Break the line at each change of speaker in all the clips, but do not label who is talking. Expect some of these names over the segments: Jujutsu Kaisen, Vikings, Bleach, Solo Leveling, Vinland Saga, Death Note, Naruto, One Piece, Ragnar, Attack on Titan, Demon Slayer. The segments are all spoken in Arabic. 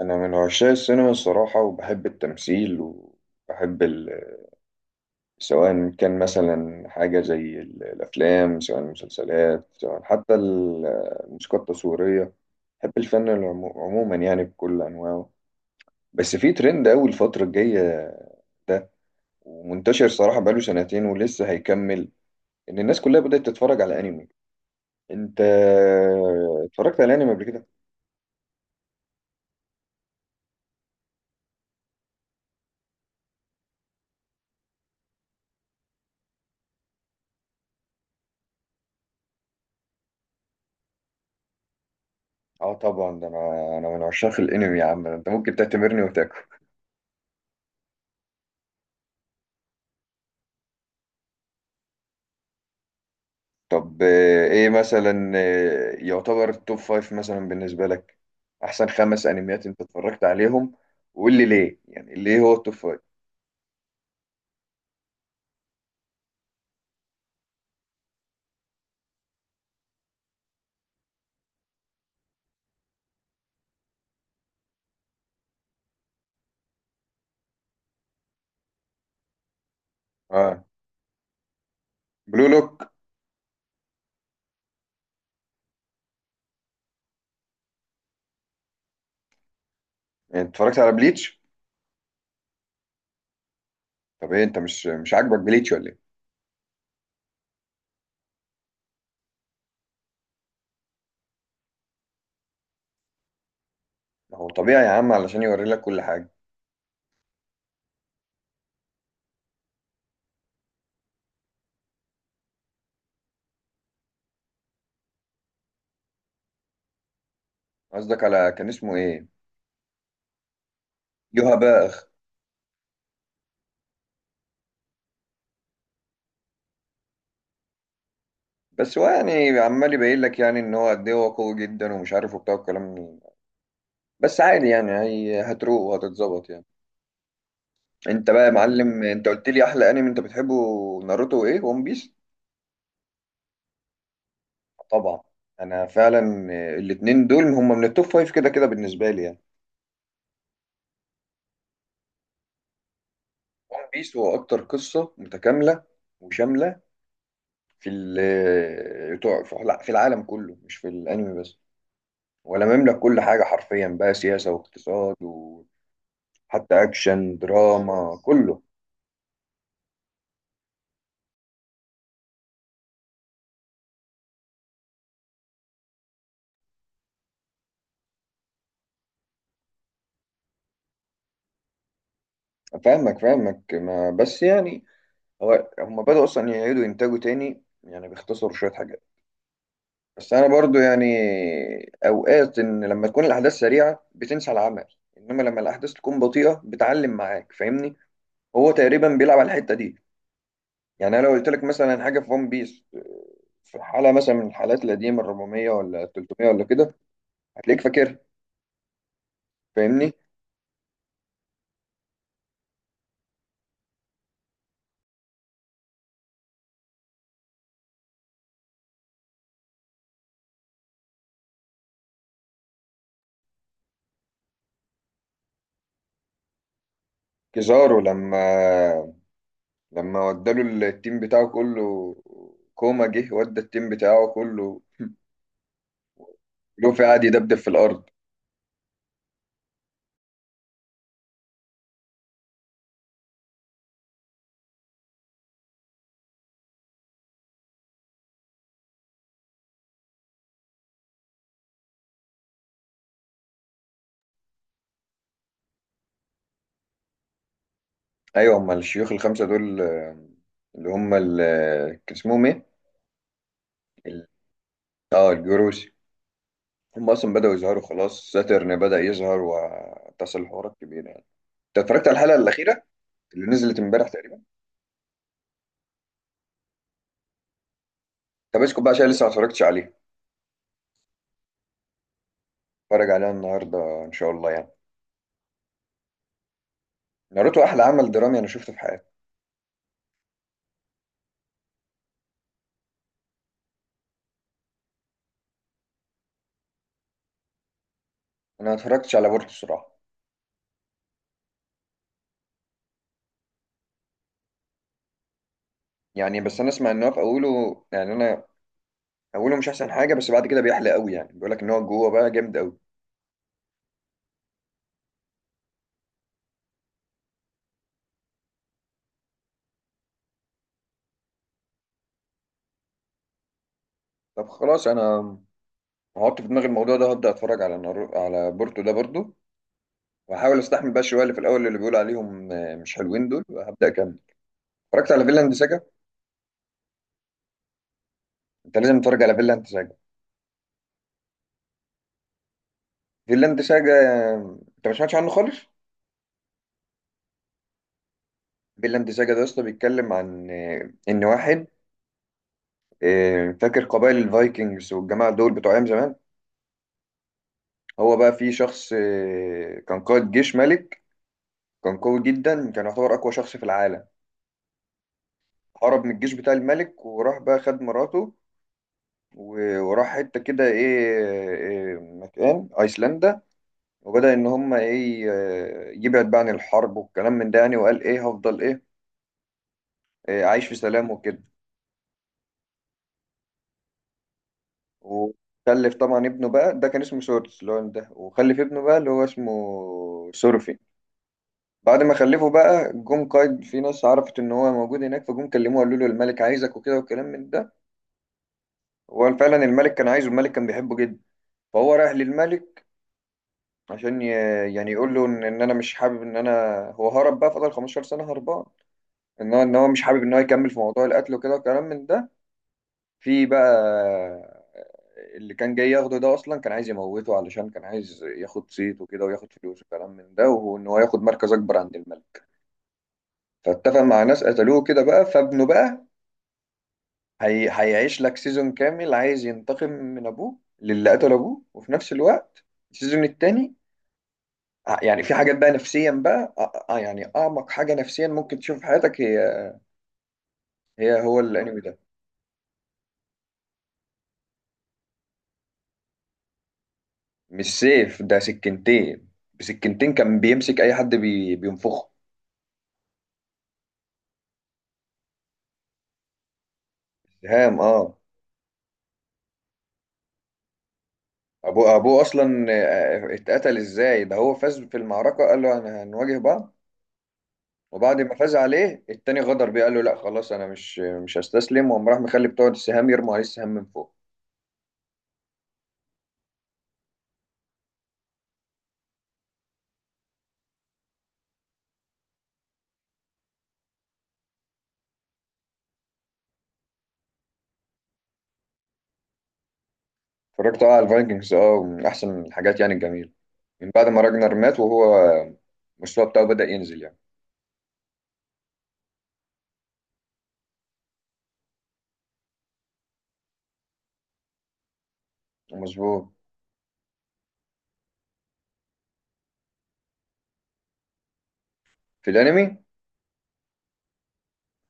أنا من عشاق السينما الصراحة، وبحب التمثيل وبحب سواء كان مثلا حاجة زي الأفلام، سواء المسلسلات، سواء حتى الموسيقى التصويرية. بحب الفن عموما يعني بكل أنواعه. بس في ترند أوي الفترة الجاية ده، ومنتشر صراحة بقاله سنتين ولسه هيكمل، إن الناس كلها بدأت تتفرج على أنمي. أنت اتفرجت على أنمي قبل كده؟ اه طبعا ده انا، انا من عشاق الانمي يا عم، ده انت ممكن تعتبرني. طب ايه مثلا، يعتبر التوب فايف مثلا بالنسبة لك؟ احسن خمس انميات انت اتفرجت عليهم، وقول لي ليه، يعني ليه هو التوب فايف. اه، بلو لوك. يعني اتفرجت على بليتش؟ طب ايه، انت مش عاجبك بليتش ولا ايه؟ ما هو طبيعي يا عم، علشان يوري لك كل حاجة. قصدك على كان اسمه ايه؟ يوها باخ. بس هو يعني عمال يبين لك يعني ان هو قد ايه هو قوي جدا ومش عارف وبتاع الكلام. بس عادي يعني، هي هتروق وهتتظبط يعني. انت بقى يا معلم، انت قلت لي احلى انمي انت بتحبه. ناروتو وايه وون بيس؟ طبعا. انا فعلا الاتنين دول هم من التوب فايف كده كده بالنسبه لي يعني. ون بيس هو اكتر قصه متكامله وشامله في ال في لا، في العالم كله مش في الانمي بس، ولا مملك كل حاجه حرفيا، بقى سياسه واقتصاد وحتى اكشن دراما كله. فاهمك ما بس يعني، هو هم بدأوا اصلا يعيدوا انتاجه تاني، يعني بيختصروا شويه حاجات. بس انا برضو يعني، اوقات ان لما تكون الاحداث سريعه بتنسى العمل، انما لما الاحداث تكون بطيئه بتعلم معاك، فاهمني؟ هو تقريبا بيلعب على الحته دي. يعني انا لو قلت لك مثلا حاجه في ون بيس، في حاله مثلا من الحالات القديمه ال 400 ولا ال 300 ولا كده، هتلاقيك فاكرها، فاهمني؟ كيزارو لما وداله التيم بتاعه كله، كوما جه ودى التيم بتاعه كله، لوفي قعد يدبدب في الارض. ايوه، هم الشيوخ الخمسه دول، اللي هم كان اسمهم ايه؟ ال- اه، الجروس. هم اصلا بداوا يظهروا خلاص، ساترن بدا يظهر واتصل حوارات كبيره يعني. انت اتفرجت على الحلقه الاخيره اللي نزلت امبارح تقريبا؟ طب اسكت بقى عشان لسه ما اتفرجتش عليها. اتفرج عليها النهارده ان شاء الله يعني. ناروتو احلى عمل درامي انا شفته في حياتي. انا ما اتفرجتش على بورتو الصراحه. يعني بس انا اسمع ان هو في اوله، يعني انا، اوله مش احسن حاجه، بس بعد كده بيحلى قوي، يعني بيقول لك ان هو جوه بقى جامد قوي. طب خلاص، انا هحط في دماغي الموضوع ده، هبدأ اتفرج على على بورتو ده برضو، وهحاول استحمل بقى شويه اللي في الاول اللي بيقولوا عليهم مش حلوين دول، وهبدأ اكمل. اتفرجت على فيلاند ساجا؟ انت لازم تتفرج على فيلاند ساجا. فيلاند ساجا، انت ما سمعتش عنه خالص؟ فيلاند ساجا ده اصلا بيتكلم عن ان واحد، فاكر قبائل الفايكنجز والجماعه دول بتوع ايام زمان؟ هو بقى في شخص كان قائد جيش ملك، كان قوي جدا، كان يعتبر اقوى شخص في العالم. هرب من الجيش بتاع الملك وراح بقى خد مراته، وراح حتة كده إيه إيه، مكان أيسلندا، وبدأ إن هما إيه، يبعد بقى عن الحرب والكلام من ده يعني، وقال إيه هفضل إيه، عايش في سلام وكده. وخلف طبعا ابنه بقى، ده كان اسمه سورس اللي هو ده، وخلف ابنه بقى اللي هو اسمه سورفي. بعد ما خلفه بقى، جم قايد في ناس عرفت إن هو موجود هناك، فجم كلموه قالوا له الملك عايزك وكده والكلام من ده. هو فعلا الملك كان عايزه، الملك كان بيحبه جدا. فهو رايح للملك عشان ي... يعني يقول له ان انا مش حابب ان انا، هو هرب بقى فضل 15 سنه هربان، ان هو، ان هو مش حابب ان هو يكمل في موضوع القتل وكده وكلام من ده. في بقى اللي كان جاي ياخده ده اصلا كان عايز يموته، علشان كان عايز ياخد صيت وكده وياخد فلوس وكلام من ده، وان هو ياخد مركز اكبر عند الملك. فاتفق مع ناس قتلوه كده بقى. فابنه بقى هيعيش لك سيزون كامل عايز ينتقم من ابوه، للي قتل ابوه، وفي نفس الوقت السيزون التاني، يعني في حاجات بقى نفسيا بقى يعني اعمق حاجه نفسيا ممكن تشوف في حياتك، هي هو الانمي ده. مش سيف ده، سكينتين. بسكينتين كان بيمسك اي حد بي بينفخه. سهام، اه. ابوه اصلا اتقتل ازاي ده، هو فاز في المعركه، قال له انا هنواجه بعض، وبعد ما فاز عليه التاني غدر بيه، قال له لا خلاص انا مش هستسلم، وقام راح مخلي بتوع السهام يرموا عليه السهام من فوق. اتفرجت اه على الفايكنجز، اه، من احسن الحاجات يعني الجميله. من بعد ما راجنر مات، وهو المستوى بتاعه بدأ ينزل يعني. مظبوط. في الانمي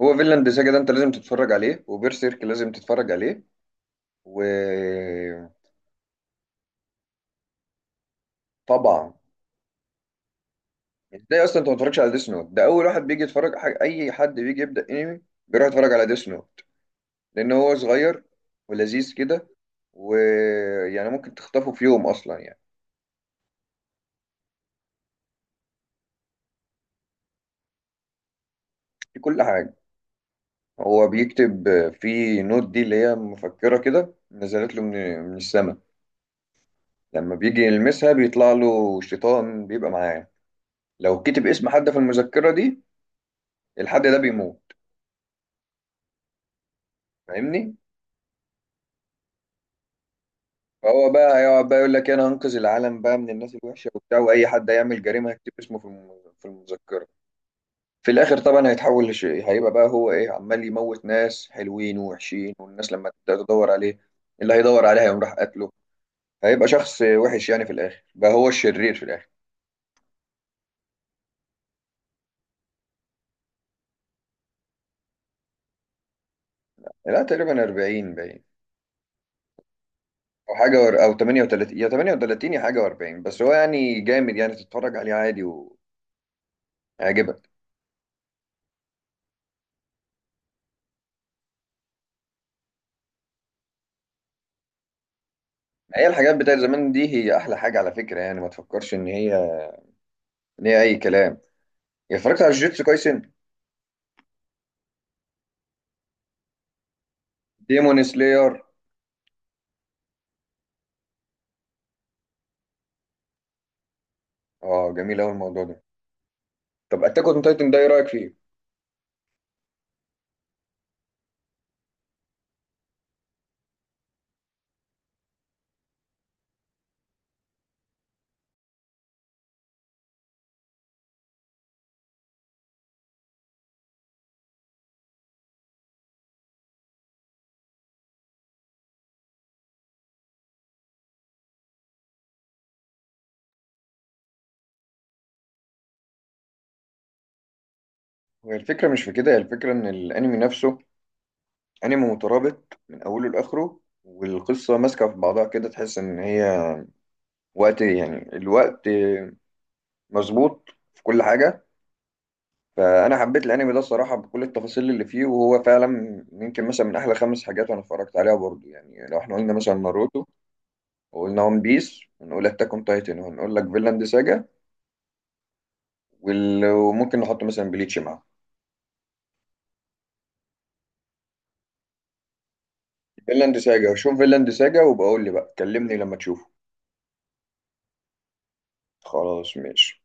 هو فيلاند ساجا، ده انت لازم تتفرج عليه، وبيرسيرك لازم تتفرج عليه. وطبعا ازاي اصلا انت ما تتفرجش على ديس نوت؟ ده اول واحد بيجي يتفرج حاجة. اي حد بيجي يبدأ انمي بيروح يتفرج على ديس نوت، لان هو صغير ولذيذ كده، ويعني ممكن تخطفه في يوم اصلا يعني. في كل حاجه، هو بيكتب في نوت دي، اللي هي مفكرة كده نزلت له من السماء. لما بيجي يلمسها بيطلع له شيطان بيبقى معاه. لو كتب اسم حد في المذكرة دي، الحد ده بيموت، فاهمني؟ فهو بقى هيقعد بقى يقول لك انا هنقذ العالم بقى من الناس الوحشة وبتاع، واي حد هيعمل جريمة هيكتب اسمه في المذكرة. في الاخر طبعا هيتحول هيبقى بقى هو ايه، عمال يموت ناس حلوين ووحشين، والناس لما تبدأ تدور عليه، اللي هيدور عليه هيقوم راح قتله، هيبقى شخص وحش يعني، في الاخر بقى هو الشرير في الاخر. لا تقريبا 40 باين، او حاجه او 38 يا 38 يا حاجه و40، بس هو يعني جامد، يعني تتفرج عليه عادي ويعجبك. هي الحاجات بتاعت زمان دي هي احلى حاجه على فكره، يعني ما تفكرش ان هي، ان هي اي كلام. يا اتفرجت على جوجيتسو كايسن؟ ديمون سلاير؟ اه جميل قوي الموضوع ده. طب اتاك اون تايتن ده ايه رايك فيه؟ هي الفكره مش في كده، هي الفكره ان الانمي نفسه انمي مترابط من اوله لاخره، والقصه ماسكه في بعضها كده، تحس ان هي وقت، يعني الوقت مظبوط في كل حاجه. فانا حبيت الانمي ده الصراحه بكل التفاصيل اللي فيه، وهو فعلا يمكن مثلا من احلى خمس حاجات انا اتفرجت عليها برضو يعني. لو احنا قلنا مثلا ناروتو، وقلنا ون بيس، ونقول اتاك اون تايتن، وهنقول لك فيلاند ساجا، وممكن نحط مثلا بليتش معاه. فيلاند ساجا، شوف فيلاند ساجا وبقول لي بقى، كلمني لما تشوفه. خلاص، ماشي.